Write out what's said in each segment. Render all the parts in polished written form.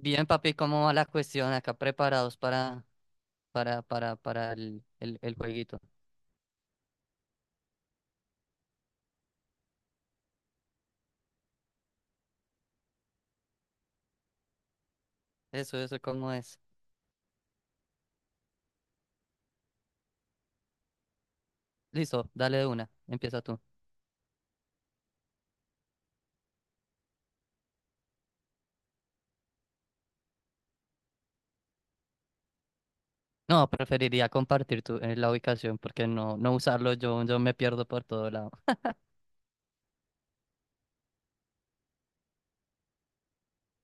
Bien, papi, ¿cómo va la cuestión? Acá preparados para el jueguito. Eso, ¿cómo es? Listo, dale de una. Empieza tú. No, preferiría compartir la ubicación porque no usarlo yo me pierdo por todo lado.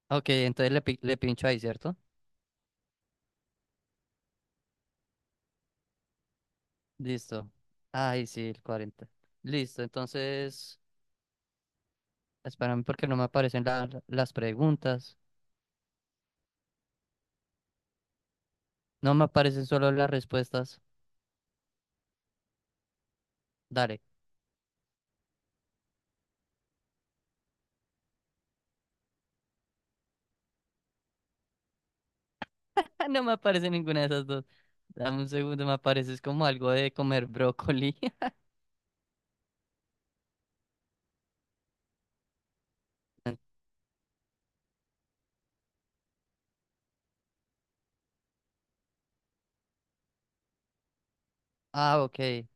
Ok, entonces le pincho ahí, ¿cierto? Listo. Ay sí, el 40. Listo, entonces, espérame porque no me aparecen las preguntas. No me aparecen solo las respuestas. Dale. No me aparece ninguna de esas dos. Dame un segundo, me apareces como algo de comer brócoli. Ah, ok.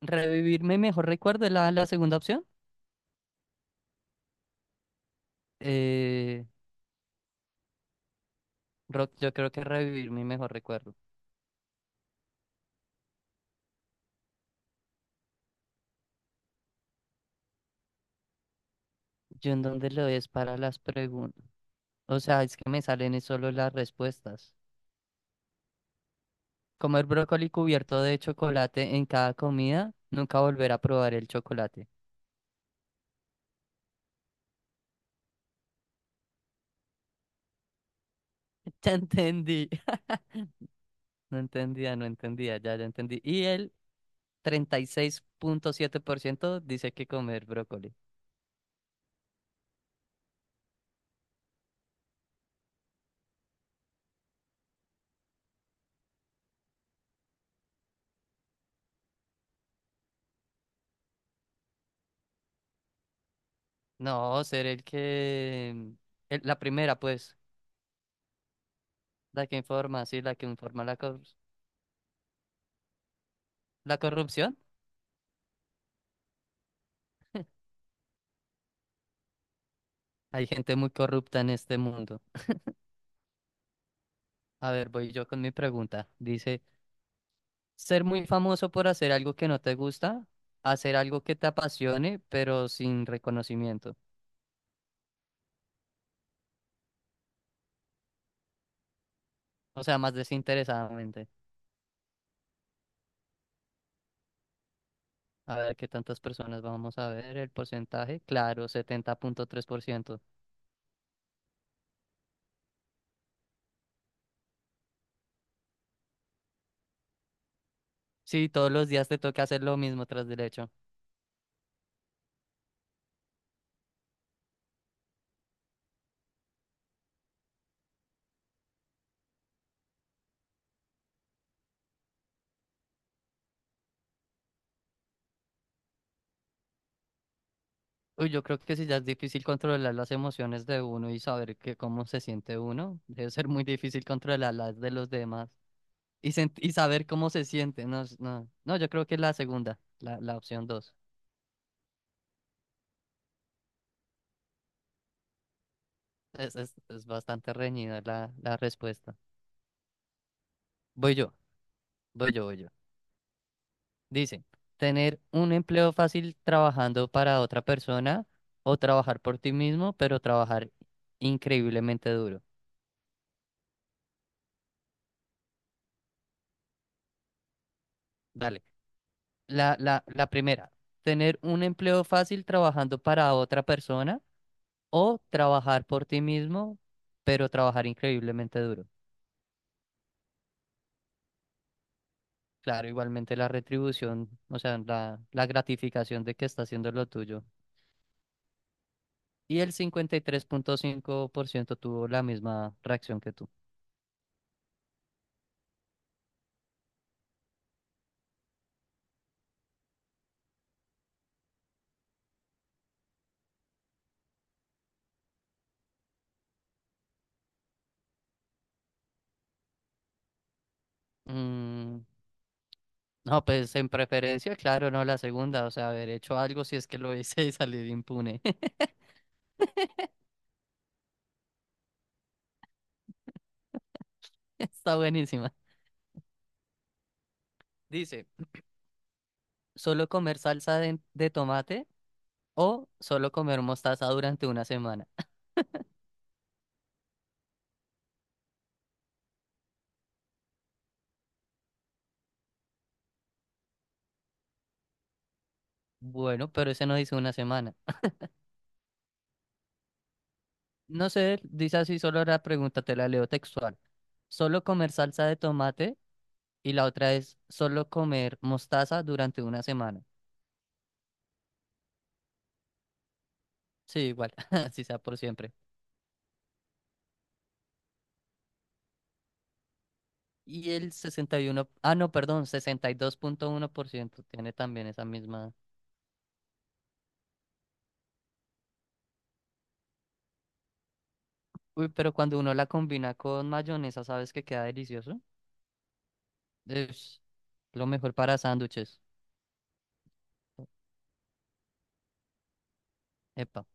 Revivir mi mejor recuerdo es la segunda opción. Eh, Rock, yo creo que revivir mi mejor recuerdo. ¿Yo en dónde lo es para las preguntas? O sea, es que me salen es solo las respuestas. Comer brócoli cubierto de chocolate en cada comida, nunca volver a probar el chocolate. Ya entendí. No entendía, no entendía, ya, ya entendí. Y el 36.7% dice que comer brócoli. No, ser la primera, pues, la que informa, sí, la que informa la corrupción. Hay gente muy corrupta en este mundo. A ver, voy yo con mi pregunta. Dice, ser muy famoso por hacer algo que no te gusta, hacer algo que te apasione, pero sin reconocimiento. O sea, más desinteresadamente. A ver, ¿qué tantas personas vamos a ver? El porcentaje, claro, 70.3%. Sí, todos los días te toca hacer lo mismo tras derecho. Uy, yo creo que si ya es difícil controlar las emociones de uno y saber que cómo se siente uno, debe ser muy difícil controlar las de los demás y saber cómo se siente. No, no, no, yo creo que la segunda, la opción dos. Es bastante reñida la respuesta. Voy yo, voy yo, voy yo. Dice, tener un empleo fácil trabajando para otra persona o trabajar por ti mismo, pero trabajar increíblemente duro. Dale. La primera, tener un empleo fácil trabajando para otra persona o trabajar por ti mismo, pero trabajar increíblemente duro. Claro, igualmente la retribución, o sea, la gratificación de que está haciendo lo tuyo. Y el 53.5% tuvo la misma reacción que tú. Mm, no, pues en preferencia, claro, no la segunda, o sea, haber hecho algo si es que lo hice y salir impune. Está buenísima. Dice, solo comer salsa de tomate o solo comer mostaza durante una semana. Bueno, pero ese no dice una semana. No sé, dice así solo la pregunta, te la leo textual. Solo comer salsa de tomate y la otra es solo comer mostaza durante una semana. Sí, igual, así sea por siempre. Y el 61, ah, no, perdón, 62.1% tiene también esa misma. Uy, pero cuando uno la combina con mayonesa, ¿sabes que queda delicioso? Es lo mejor para sándwiches. Epa.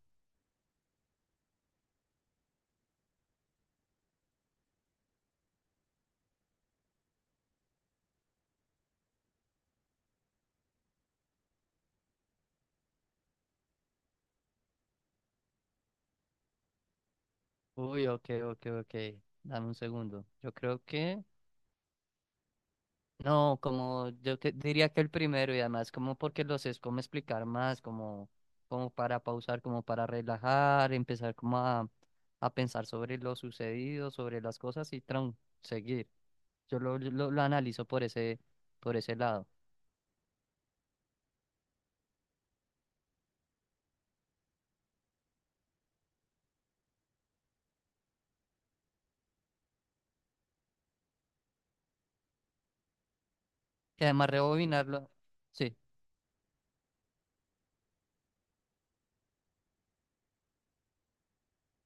Uy, ok, ok, ok. Dame un segundo. Yo creo que no, como diría que el primero. Y además como porque los es como explicar más, como para pausar, como para relajar, empezar como a pensar sobre lo sucedido, sobre las cosas y tron, seguir. Yo lo analizo por ese lado. Y además rebobinarlo. Sí,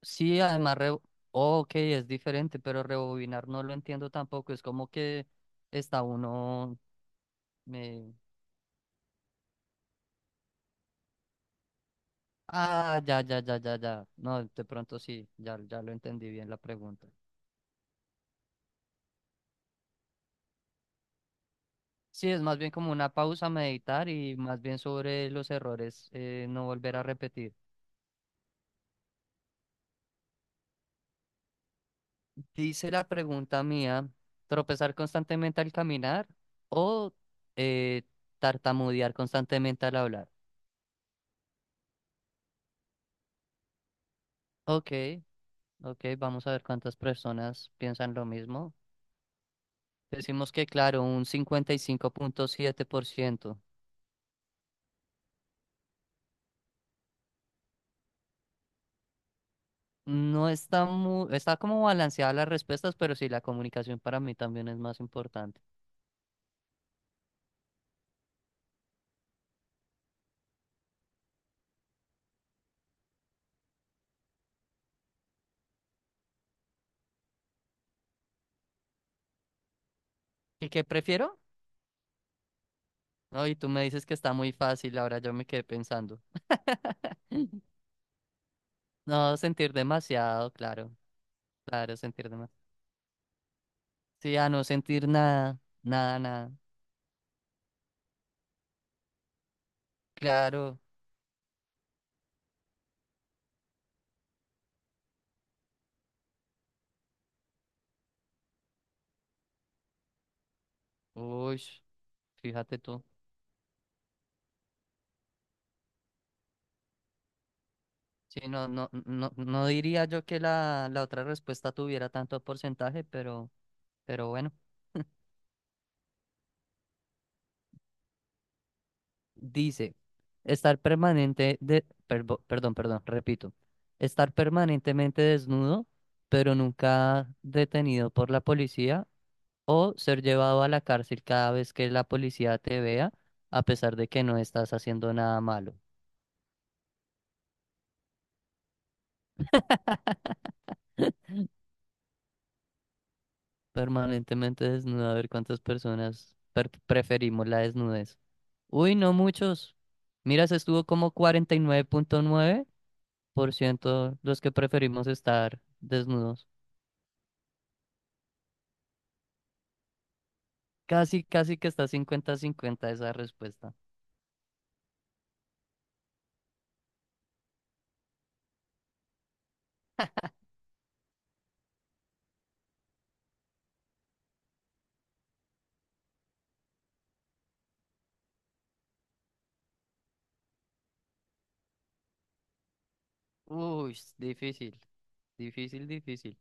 sí, ok, es diferente, pero rebobinar no lo entiendo tampoco. Es como que está uno. Ah, ya, ya, ya, ya, ya. No, de pronto sí, ya, ya lo entendí bien la pregunta. Sí, es más bien como una pausa, meditar y más bien sobre los errores, no volver a repetir. Dice la pregunta mía, tropezar constantemente al caminar o eh, tartamudear constantemente al hablar. Ok, ok, vamos a ver cuántas personas piensan lo mismo. Decimos que, claro, un 55.7%. No está está como balanceada las respuestas, pero sí, la comunicación para mí también es más importante. ¿Y qué prefiero? No, y tú me dices que está muy fácil, ahora yo me quedé pensando. No, sentir demasiado, claro, claro, sentir demasiado. Sí, a no sentir nada, nada, nada. Claro, uy, fíjate tú. Sí, no, no, no, no diría yo que la otra respuesta tuviera tanto porcentaje, pero bueno. Dice. Estar permanente perdón, perdón, repito. Estar permanentemente desnudo, pero nunca detenido por la policía, o ser llevado a la cárcel cada vez que la policía te vea, a pesar de que no estás haciendo nada malo. Permanentemente desnudo, a ver cuántas personas preferimos la desnudez. Uy, no muchos. Mira, se estuvo como cuarenta y nueve punto nueve por ciento los que preferimos estar desnudos. Casi, casi que está 50 cincuenta esa respuesta. Uy, es difícil, difícil, difícil.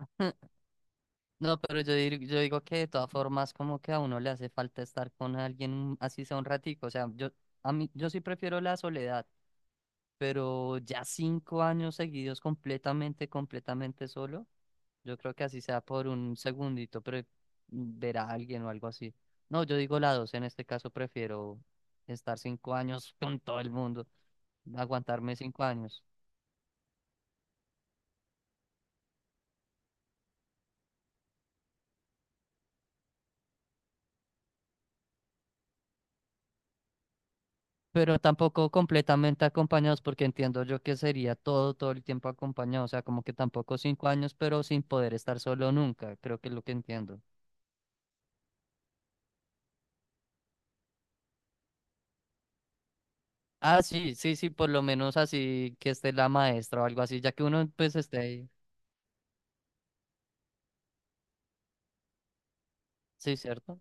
No, pero yo digo que de todas formas como que a uno le hace falta estar con alguien así sea un ratico, o sea, yo a mí yo sí prefiero la soledad, pero ya 5 años seguidos completamente, completamente solo, yo creo que así sea por un segundito pero ver a alguien o algo así. No, yo digo la dos, en este caso prefiero estar 5 años con todo el mundo, aguantarme 5 años. Pero tampoco completamente acompañados, porque entiendo yo que sería todo el tiempo acompañado, o sea, como que tampoco 5 años, pero sin poder estar solo nunca, creo que es lo que entiendo. Ah, sí, sí, sí, por lo menos así que esté la maestra o algo así, ya que uno pues esté ahí, sí, ¿cierto?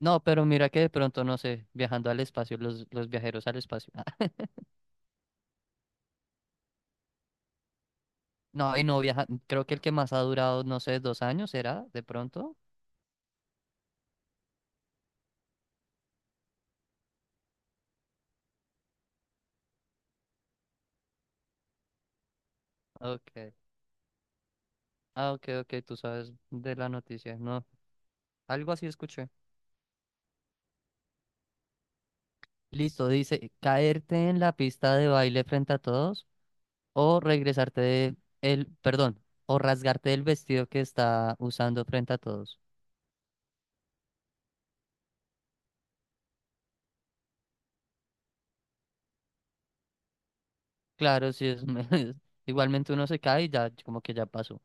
No, pero mira que de pronto, no sé, viajando al espacio, los viajeros al espacio. No, y no viaja, creo que el que más ha durado, no sé, 2 años, ¿será? De pronto. Ok. Ah, ok, ok, tú sabes de la noticia, no, algo así escuché. Listo, dice, caerte en la pista de baile frente a todos o regresarte de el, perdón, o rasgarte el vestido que está usando frente a todos. Claro, si es, igualmente uno se cae y ya como que ya pasó.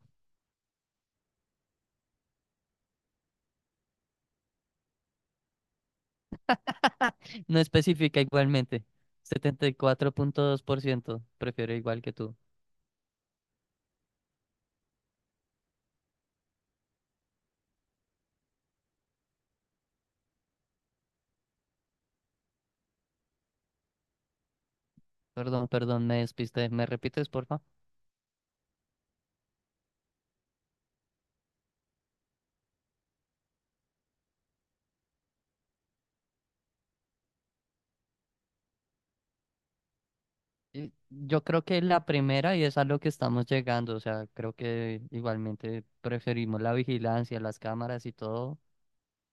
No especifica igualmente. 74.2%. Prefiero igual que tú. Perdón, perdón, me despiste. ¿Me repites, porfa? Yo creo que la primera y es a lo que estamos llegando. O sea, creo que igualmente preferimos la vigilancia, las cámaras y todo.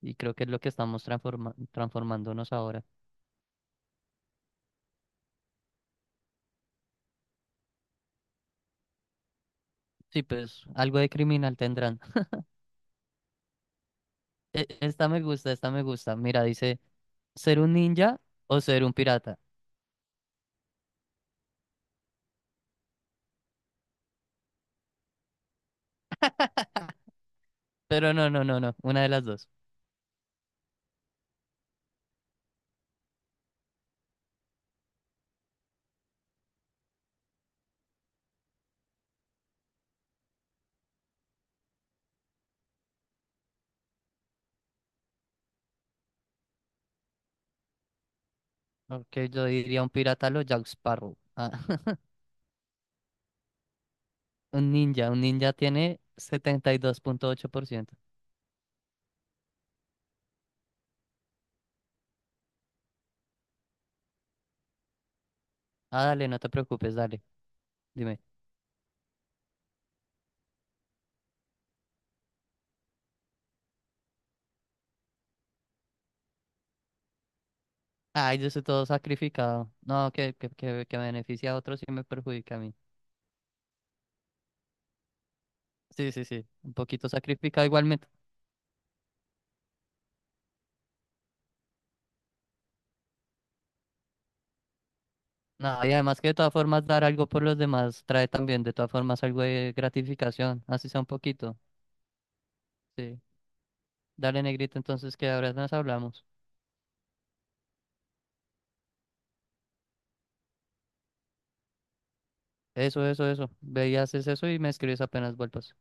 Y creo que es lo que estamos transformándonos ahora. Sí, pues algo de criminal tendrán. Esta me gusta, esta me gusta. Mira, dice, ¿ser un ninja o ser un pirata? Pero no, no, no, no, una de las dos. Ok, yo diría un pirata a lo Jack Sparrow. Ah, un ninja tiene 72.8%. Ah, dale, no te preocupes, dale, dime. Ay, yo estoy todo sacrificado. No, que beneficia a otros y me perjudica a mí. Sí, sí, sí, un poquito sacrificado. Igualmente. No, y además que de todas formas dar algo por los demás trae también de todas formas algo de gratificación, así sea un poquito. Sí. Dale, negrito, entonces que ahora nos hablamos. Eso, eso, eso. Ve y haces eso y me escribes apenas vuelvas.